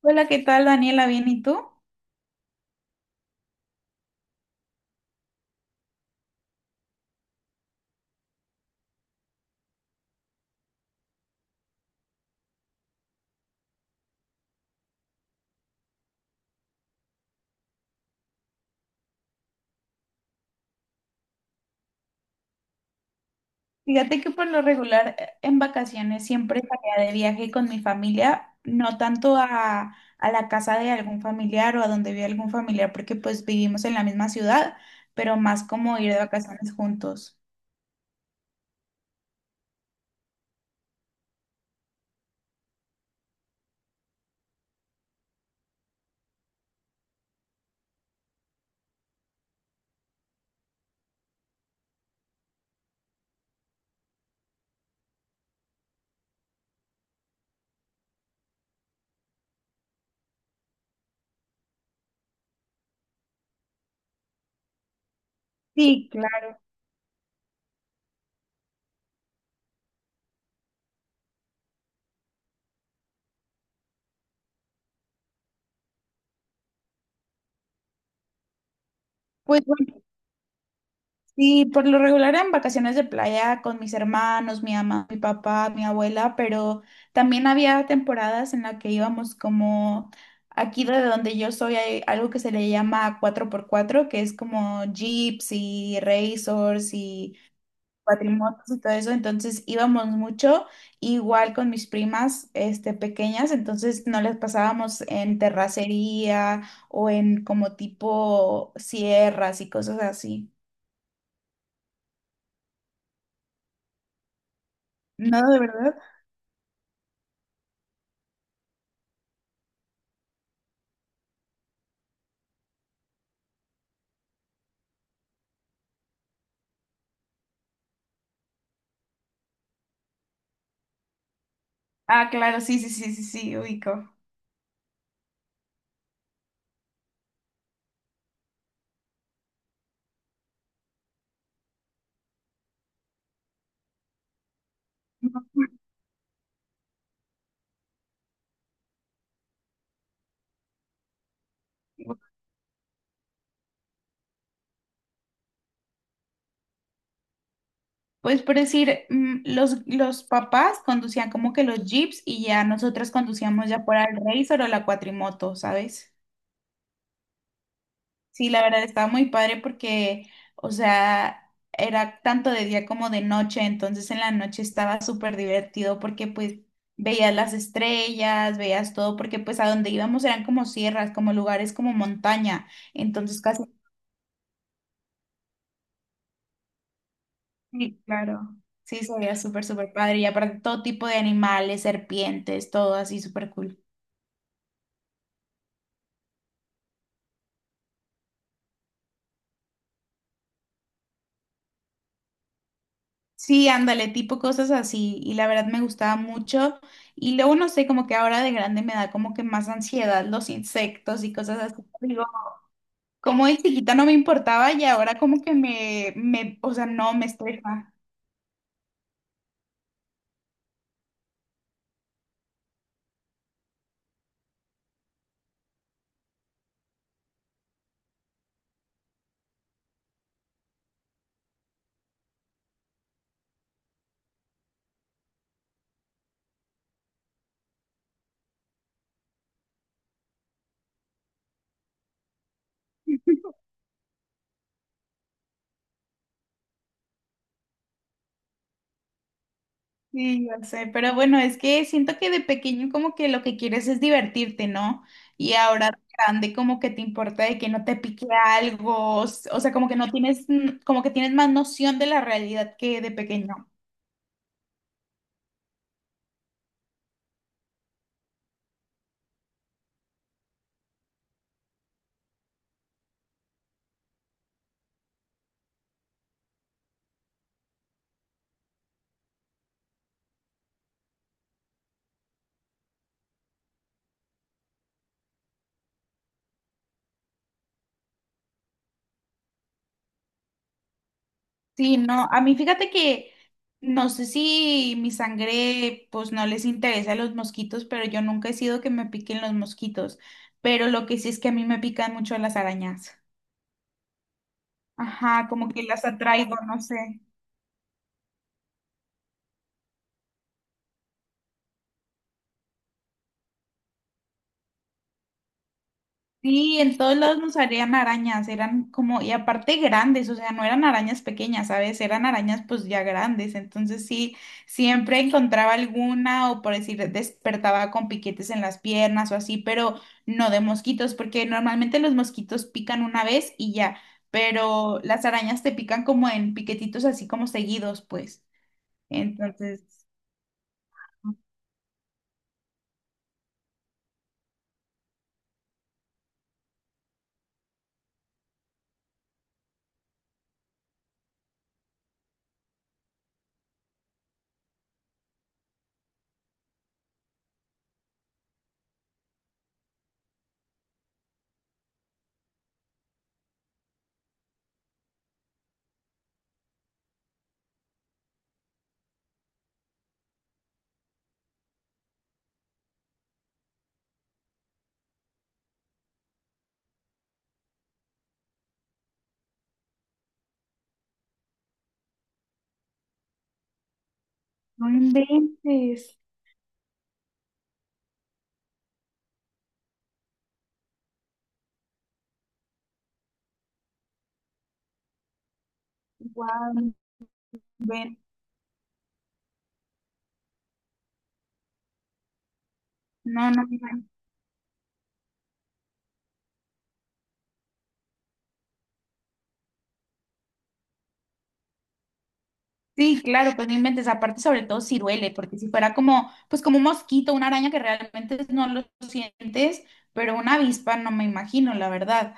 Hola, ¿qué tal, Daniela? ¿Bien y tú? Fíjate que por lo regular en vacaciones siempre salía de viaje con mi familia, no tanto a la casa de algún familiar o a donde vive algún familiar, porque pues vivimos en la misma ciudad, pero más como ir de vacaciones juntos. Sí, claro. Pues Sí, por lo regular en vacaciones de playa con mis hermanos, mi mamá, mi papá, mi abuela, pero también había temporadas en las que íbamos como, aquí de donde yo soy hay algo que se le llama cuatro por cuatro que es como jeeps y racers y cuatrimotos y todo eso, entonces íbamos mucho, igual con mis primas este, pequeñas, entonces nos las pasábamos en terracería o en como tipo sierras y cosas así. No, de verdad. Ah, claro, sí, sí, sí, sí, sí, ubico. Pues por decir, los papás conducían como que los jeeps y ya nosotras conducíamos ya por el Razor o la cuatrimoto, ¿sabes? Sí, la verdad estaba muy padre porque, o sea, era tanto de día como de noche, entonces en la noche estaba súper divertido porque pues veías las estrellas, veías todo, porque pues a donde íbamos eran como sierras, como lugares como montaña, entonces casi... Sí, claro. Sí, se veía súper, súper padre. Y aparte todo tipo de animales, serpientes, todo así súper cool. Sí, ándale, tipo cosas así. Y la verdad me gustaba mucho. Y luego no sé, como que ahora de grande me da como que más ansiedad los insectos y cosas así. Digo, como de chiquita no me importaba y ahora como que o sea, no me estresa. Sí, yo sé, pero bueno, es que siento que de pequeño como que lo que quieres es divertirte, ¿no? Y ahora de grande como que te importa de que no te pique algo, o sea, como que no tienes, como que tienes más noción de la realidad que de pequeño. Sí, no, a mí fíjate que no sé si mi sangre pues no les interesa a los mosquitos, pero yo nunca he sido que me piquen los mosquitos, pero lo que sí es que a mí me pican mucho las arañas. Ajá, como que las atraigo, no sé. Sí, en todos lados nos salían arañas, eran como, y aparte grandes, o sea, no eran arañas pequeñas, ¿sabes? Eran arañas pues ya grandes, entonces sí, siempre encontraba alguna o por decir, despertaba con piquetes en las piernas o así, pero no de mosquitos, porque normalmente los mosquitos pican una vez y ya, pero las arañas te pican como en piquetitos así como seguidos, pues. Entonces, no inventes. Wow, ven. No, no, no. Sí, claro, pues no inventes, aparte sobre todo si duele, porque si fuera como, pues como un mosquito, una araña que realmente no lo sientes, pero una avispa no me imagino, la verdad.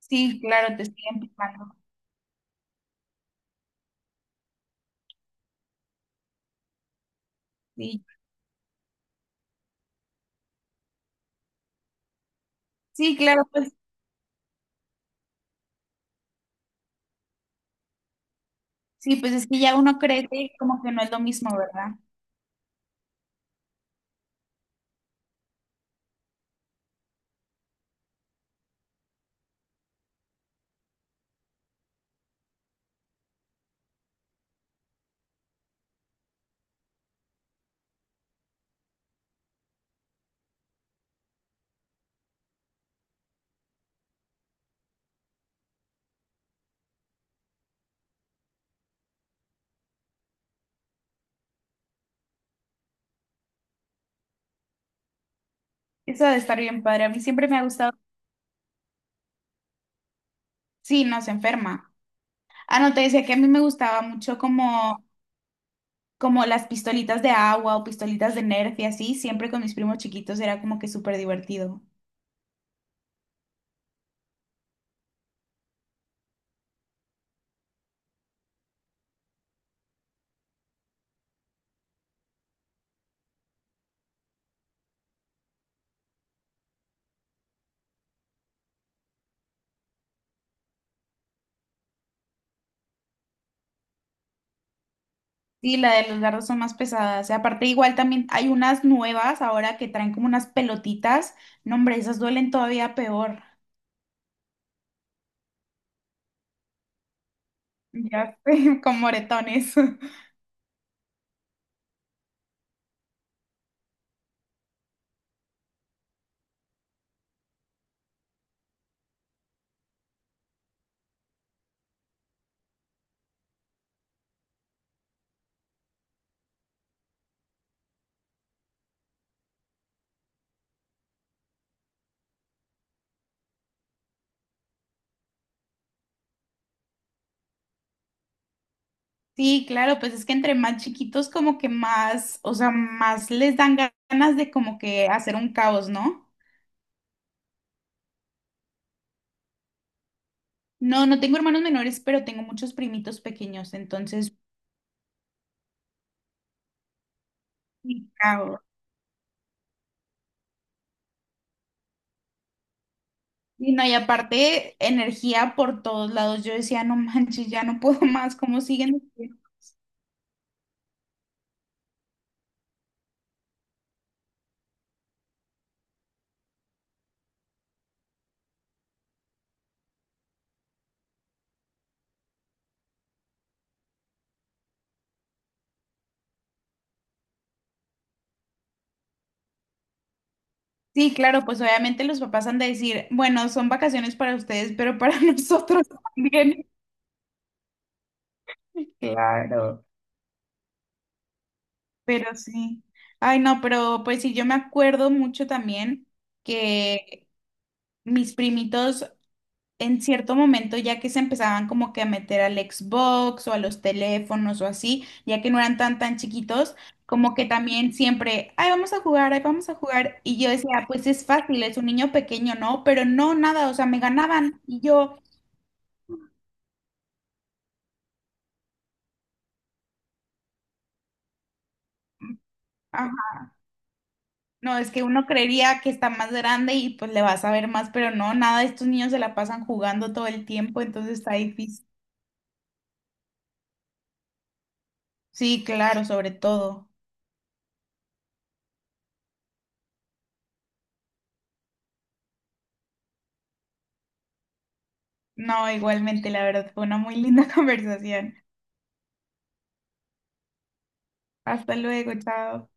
Sí, claro, te estoy empujando. Sí, sí, claro, pues sí, pues es que ya uno cree que como que no es lo mismo, ¿verdad? Eso de estar bien padre, a mí siempre me ha gustado. Sí, no, se enferma. Ah, no, te decía que a mí me gustaba mucho como, como las pistolitas de agua o pistolitas de Nerf y así, siempre con mis primos chiquitos era como que súper divertido. Sí, la de los dardos son más pesadas. Y aparte, igual también hay unas nuevas ahora que traen como unas pelotitas. No, hombre, esas duelen todavía peor. Ya sé, con moretones. Sí, claro, pues es que entre más chiquitos como que más, o sea, más les dan ganas de como que hacer un caos, ¿no? No, no tengo hermanos menores, pero tengo muchos primitos pequeños, entonces, sí, caos. Y no, y aparte, energía por todos lados. Yo decía, no manches, ya no puedo más, ¿cómo siguen? Sí, claro, pues obviamente los papás han de decir, bueno, son vacaciones para ustedes, pero para nosotros también. Claro. Pero sí. Ay, no, pero pues sí, yo me acuerdo mucho también que mis primitos en cierto momento, ya que se empezaban como que a meter al Xbox o a los teléfonos o así, ya que no eran tan chiquitos, como que también siempre, ay, vamos a jugar, ay, vamos a jugar. Y yo decía, pues es fácil, es un niño pequeño, ¿no? Pero no, nada, o sea, me ganaban y yo... "Ah, no, es que uno creería que está más grande y pues le vas a ver más, pero no, nada, estos niños se la pasan jugando todo el tiempo, entonces está difícil. Sí, claro, sobre todo. No, igualmente, la verdad, fue una muy linda conversación. Hasta luego, chao.